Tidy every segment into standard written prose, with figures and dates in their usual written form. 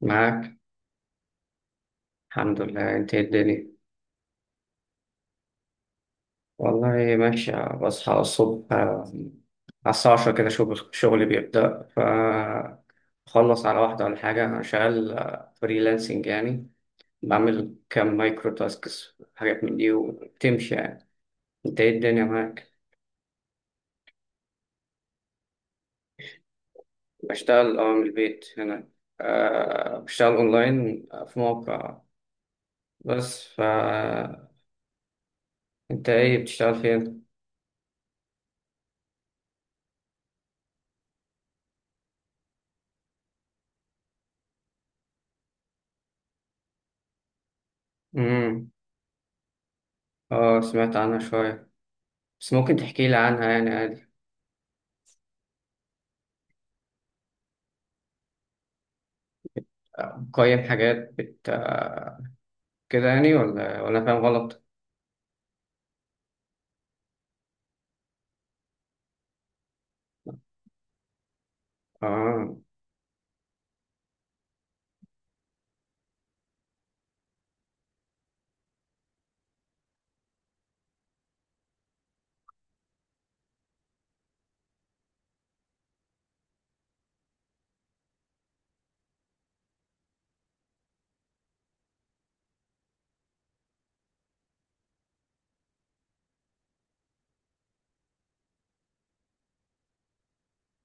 معاك. الحمد لله. انت ايه الدنيا؟ والله ماشية. بصحى الصبح على الساعة 10 كده، شغلي بيبدأ، فخلص على واحدة ولا حاجة. أنا شغال فريلانسنج يعني. بعمل كام مايكرو تاسكس، حاجات من دي، وبتمشي يعني. انت ايه الدنيا معاك؟ بشتغل من البيت هنا. بشتغل اونلاين في موقع. بس، انت ايه بتشتغل فين؟ امم اه، سمعت عنها شوية، بس ممكن تحكي لي عنها يعني عادي. قيم حاجات، بت آه، كده يعني، ولا أنا فاهم غلط؟ اه،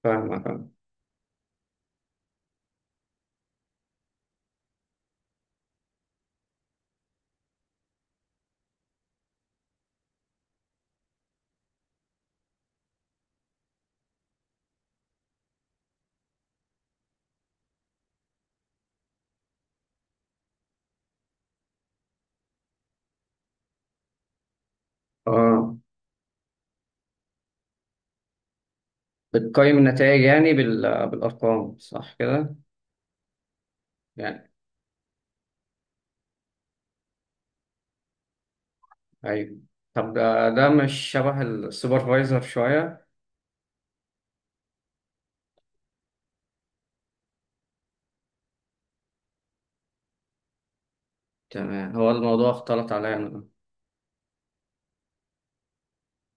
فاهم فاهم. اه، بتقيم النتائج يعني بالأرقام صح كده؟ يعني، أيوه. طب ده مش شبه السوبرفايزر شوية. تمام، هو الموضوع اختلط عليا أنا.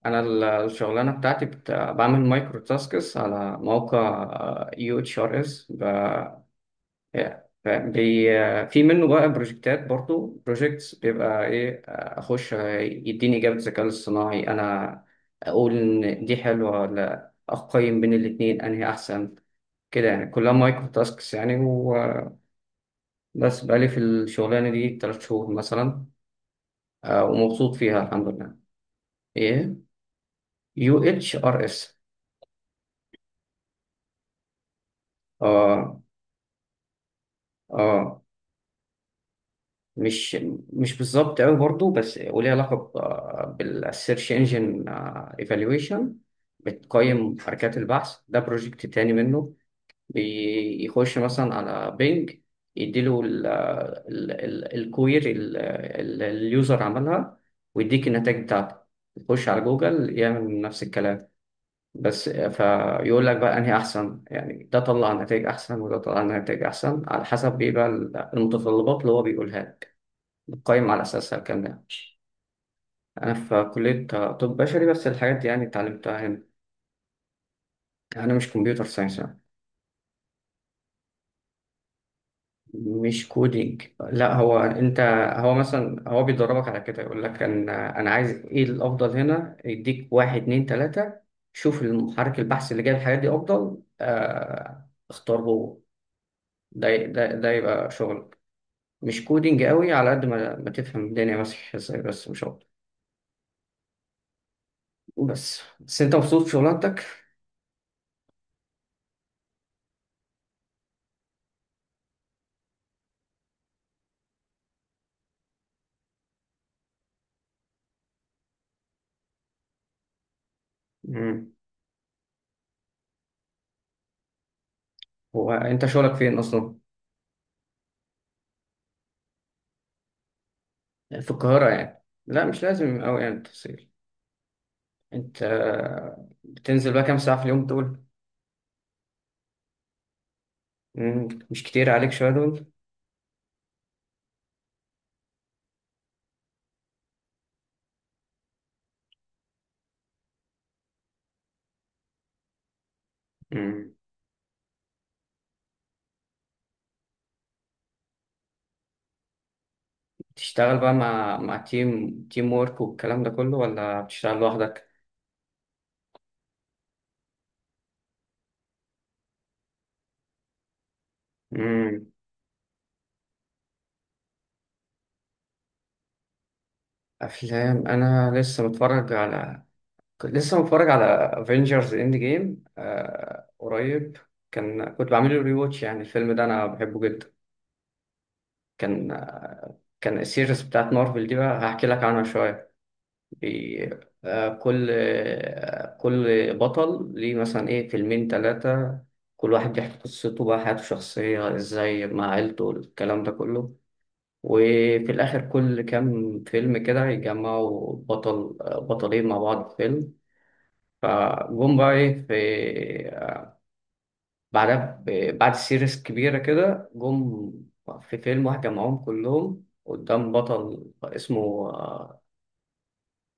أنا الشغلانة بتاعتي بعمل مايكرو تاسكس على موقع يو اتش ار اس. ف- في منه بقى بروجكتات، برضو بروجكتس، بيبقى ايه، اخش يديني اجابه الذكاء الاصطناعي انا، اقول ان دي حلوه ولا اقيم بين الاتنين انهي احسن، كده يعني. كلها مايكرو تاسكس يعني وبس. بقالي في الشغلانه دي 3 شهور مثلا، ومبسوط فيها الحمد لله. ايه؟ يو اتش ار اس. اه اه. مش مش بالظبط قوي برضو، بس وليه علاقة بالسيرش انجن ايفالويشن. بتقيم حركات البحث. ده بروجكت تاني منه، بيخش مثلا على بينج، يديله الكوير اليوزر عملها، ويديك النتائج بتاعته. يخش على جوجل يعمل نفس الكلام. بس فيقول لك بقى انهي احسن، يعني ده طلع نتائج احسن وده طلع نتائج احسن على حسب ايه بقى المتطلبات اللي هو بيقولها لك. قايم على أساسها الكلام ده. أنا في كلية طب بشري، بس الحاجات دي يعني اتعلمتها هنا. أنا مش كمبيوتر ساينس يعني. مش كودينج، لا هو أنت، هو مثلا، هو بيدربك على كده. يقول لك أنا عايز إيه الأفضل هنا، يديك واحد اتنين تلاتة، شوف المحرك البحث اللي جايب الحاجات دي أفضل اختار هو. ده يبقى شغلك. مش كودينج قوي، على قد ما تفهم الدنيا ماشية ازاي بس، مش أكتر. بس بس أنت مبسوط في شغلانتك؟ مم. هو أنت شغلك فين أصلا؟ في القاهرة يعني، لا مش لازم أوي يعني التفصيل. أنت بتنزل بقى كام ساعة في اليوم دول؟ مش كتير عليك شوية دول؟ مم. بتشتغل بقى مع تيم وورك والكلام ده كله، ولا بتشتغل لوحدك؟ مم. أفلام، أنا لسه متفرج على كنت لسه متفرج على افنجرز اند جيم قريب. كنت بعمل له ريواتش يعني. الفيلم ده أنا بحبه جدا. كان السيريز بتاعت مارفل دي، بقى هحكي لك عنها شوية. بي... كل بطل ليه مثلا ايه فيلمين تلاتة. كل واحد بيحكي قصته بقى، حياته الشخصية ازاي مع عيلته، الكلام ده كله. وفي الآخر كل كام فيلم كده يجمعوا بطلين مع بعض في فيلم. فجم بقى ايه، في بعدها بعد سيريس كبيرة كده جم في فيلم واحد جمعهم كلهم قدام بطل اسمه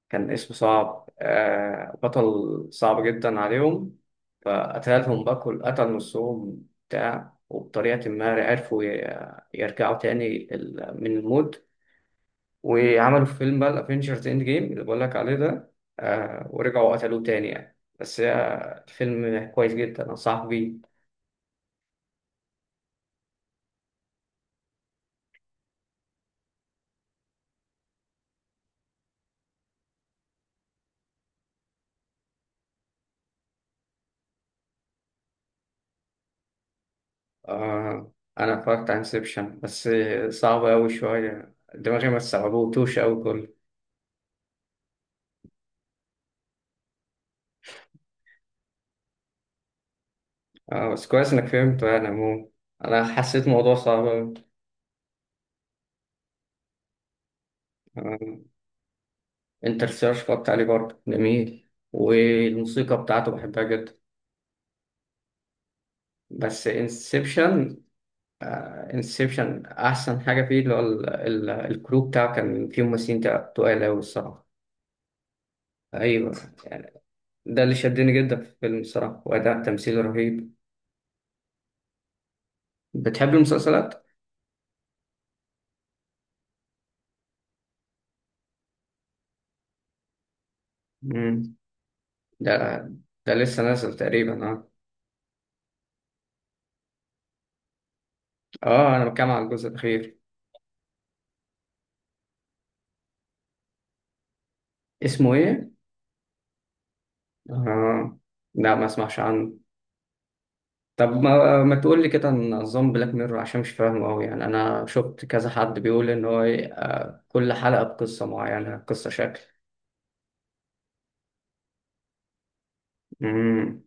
كان اسم صعب، بطل صعب جدا عليهم. فقتلهم بقى، كل قتل نصهم بتاع، وبطريقة ما عرفوا يرجعوا تاني من الموت. وعملوا في فيلم بقى الافينجرز اند جيم اللي بقول لك عليه ده. ورجعوا قتلوه تاني يعني، بس الفيلم كويس جدا أنصحك بيه. آه أنا اتفرجت على انسبشن بس، صعب أوي شوية، دماغي ما استوعبتوش أوي كله. اه، بس كويس انك فهمت يعني عموما. انا حسيت موضوع صعب أوي. آه، انت السيرش فكرت عليه برضه جميل، والموسيقى بتاعته بحبها جدا. بس انسبشن احسن حاجه فيه اللي هو الكرو بتاعه، كان فيه ممثلين تقال قوي الصراحه. ايوه يعني. ده اللي شدني جدا في الفيلم الصراحه، واداء تمثيل رهيب. بتحب المسلسلات؟ امم. ده ده لسه نازل تقريبا اه. اه، انا بتكلم على الجزء الاخير. اسمه ايه؟ آه. لا، ما اسمعش عنه. طب ما تقول لي كده عن نظام بلاك ميرور عشان مش فاهمه قوي يعني. انا شفت كذا حد بيقول ان هو كل حلقة بقصة معينة قصة شكل. امم.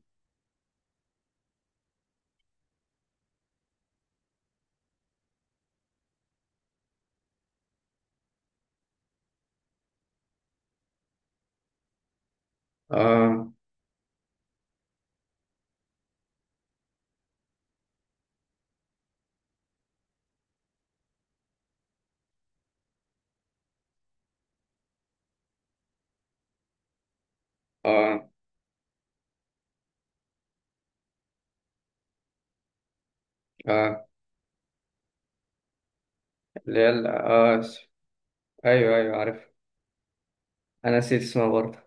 اه اه اه. اللي هي اه، ايوه ايوه عارف. انا نسيت اسمها برضه.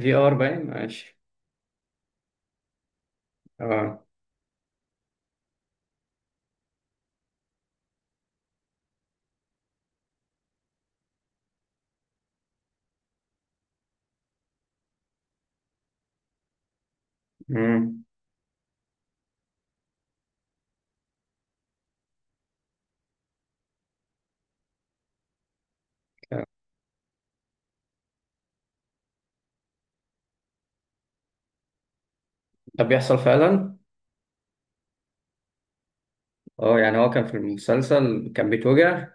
في ار باين ماشي. اه. امم. طب بيحصل فعلا؟ اه، يعني هو كان في المسلسل كان بيتوجع.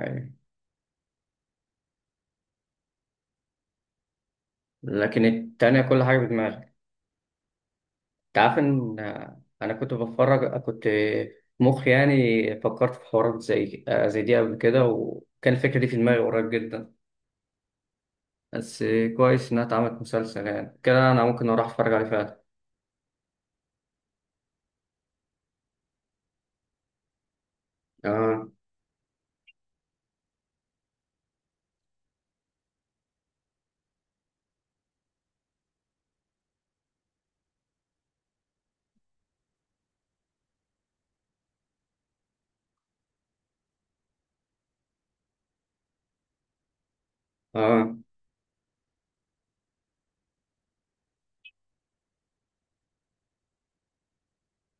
أيوة. لكن التانية كل حاجة بدماغه. انت عارف ان انا كنت مخي يعني فكرت في حوارات زي دي قبل كده، وكان الفكره دي في دماغي قريب جدا. بس كويس انها اتعملت مسلسل، يعني كده انا ممكن اروح اتفرج عليه فعلا. اه اه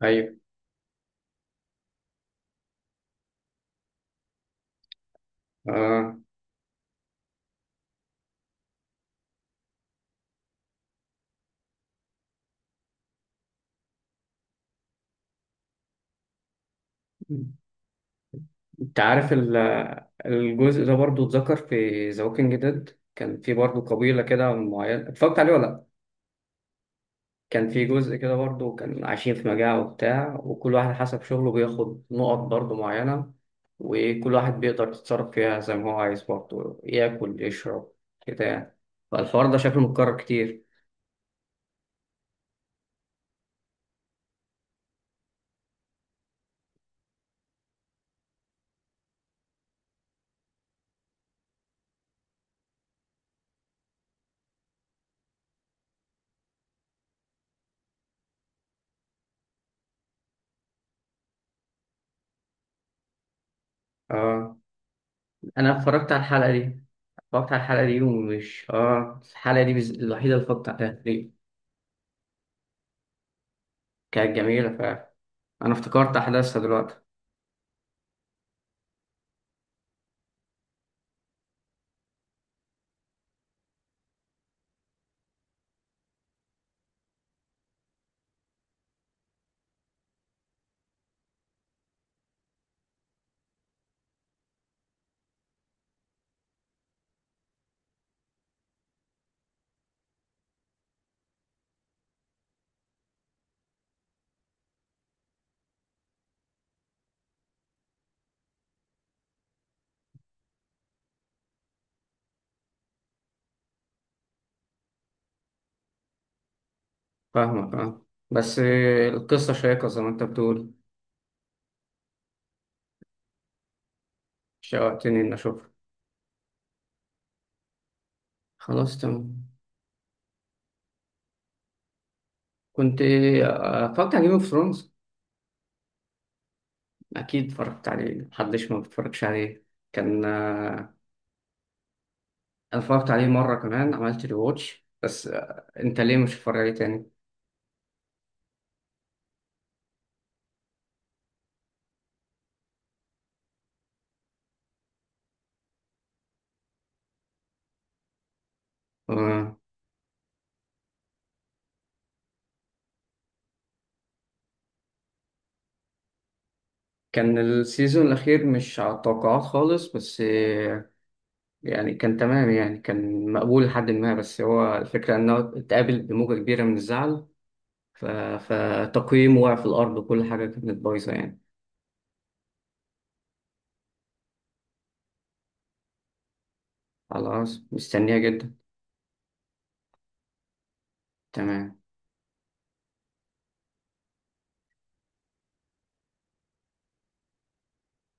ايوه اه. انت عارف الجزء ده برضو، اتذكر في ذا ووكينج ديد كان في برضو قبيله كده معينه، اتفرجت عليه ولا لأ؟ كان في جزء كده برضه، كان عايشين في مجاعة وبتاع، وكل واحد حسب شغله بياخد نقط برضه معينة. وكل واحد بيقدر يتصرف فيها زي ما هو عايز برضه، ياكل يشرب كده يعني. فالحوار ده شكله متكرر كتير. اه، انا اتفرجت على الحلقة دي. اتفرجت على الحلقة دي ومش الحلقة دي الوحيدة اللي اتفرجت عليها دي. كانت جميلة فعلا. انا افتكرت احداثها دلوقتي. فاهمك اه، بس القصة شيقة زي ما انت بتقول. شوقتني اني اشوفها. خلاص تمام. كنت اتفرجت على جيم اوف ثرونز. اكيد اتفرجت عليه، محدش ما بيتفرجش عليه. كان آه، انا اتفرجت عليه مره كمان، عملت ري واتش، بس انت ليه مش هتتفرج عليه تاني؟ آه، كان السيزون الاخير مش على التوقعات خالص، بس يعني كان تمام، يعني كان مقبول لحد ما. بس هو الفكره انه اتقابل بموجه كبيره من الزعل. ف- فتقييمه وقع في الارض وكل حاجه كانت بايظه يعني. خلاص مستنيه جدا. تمام.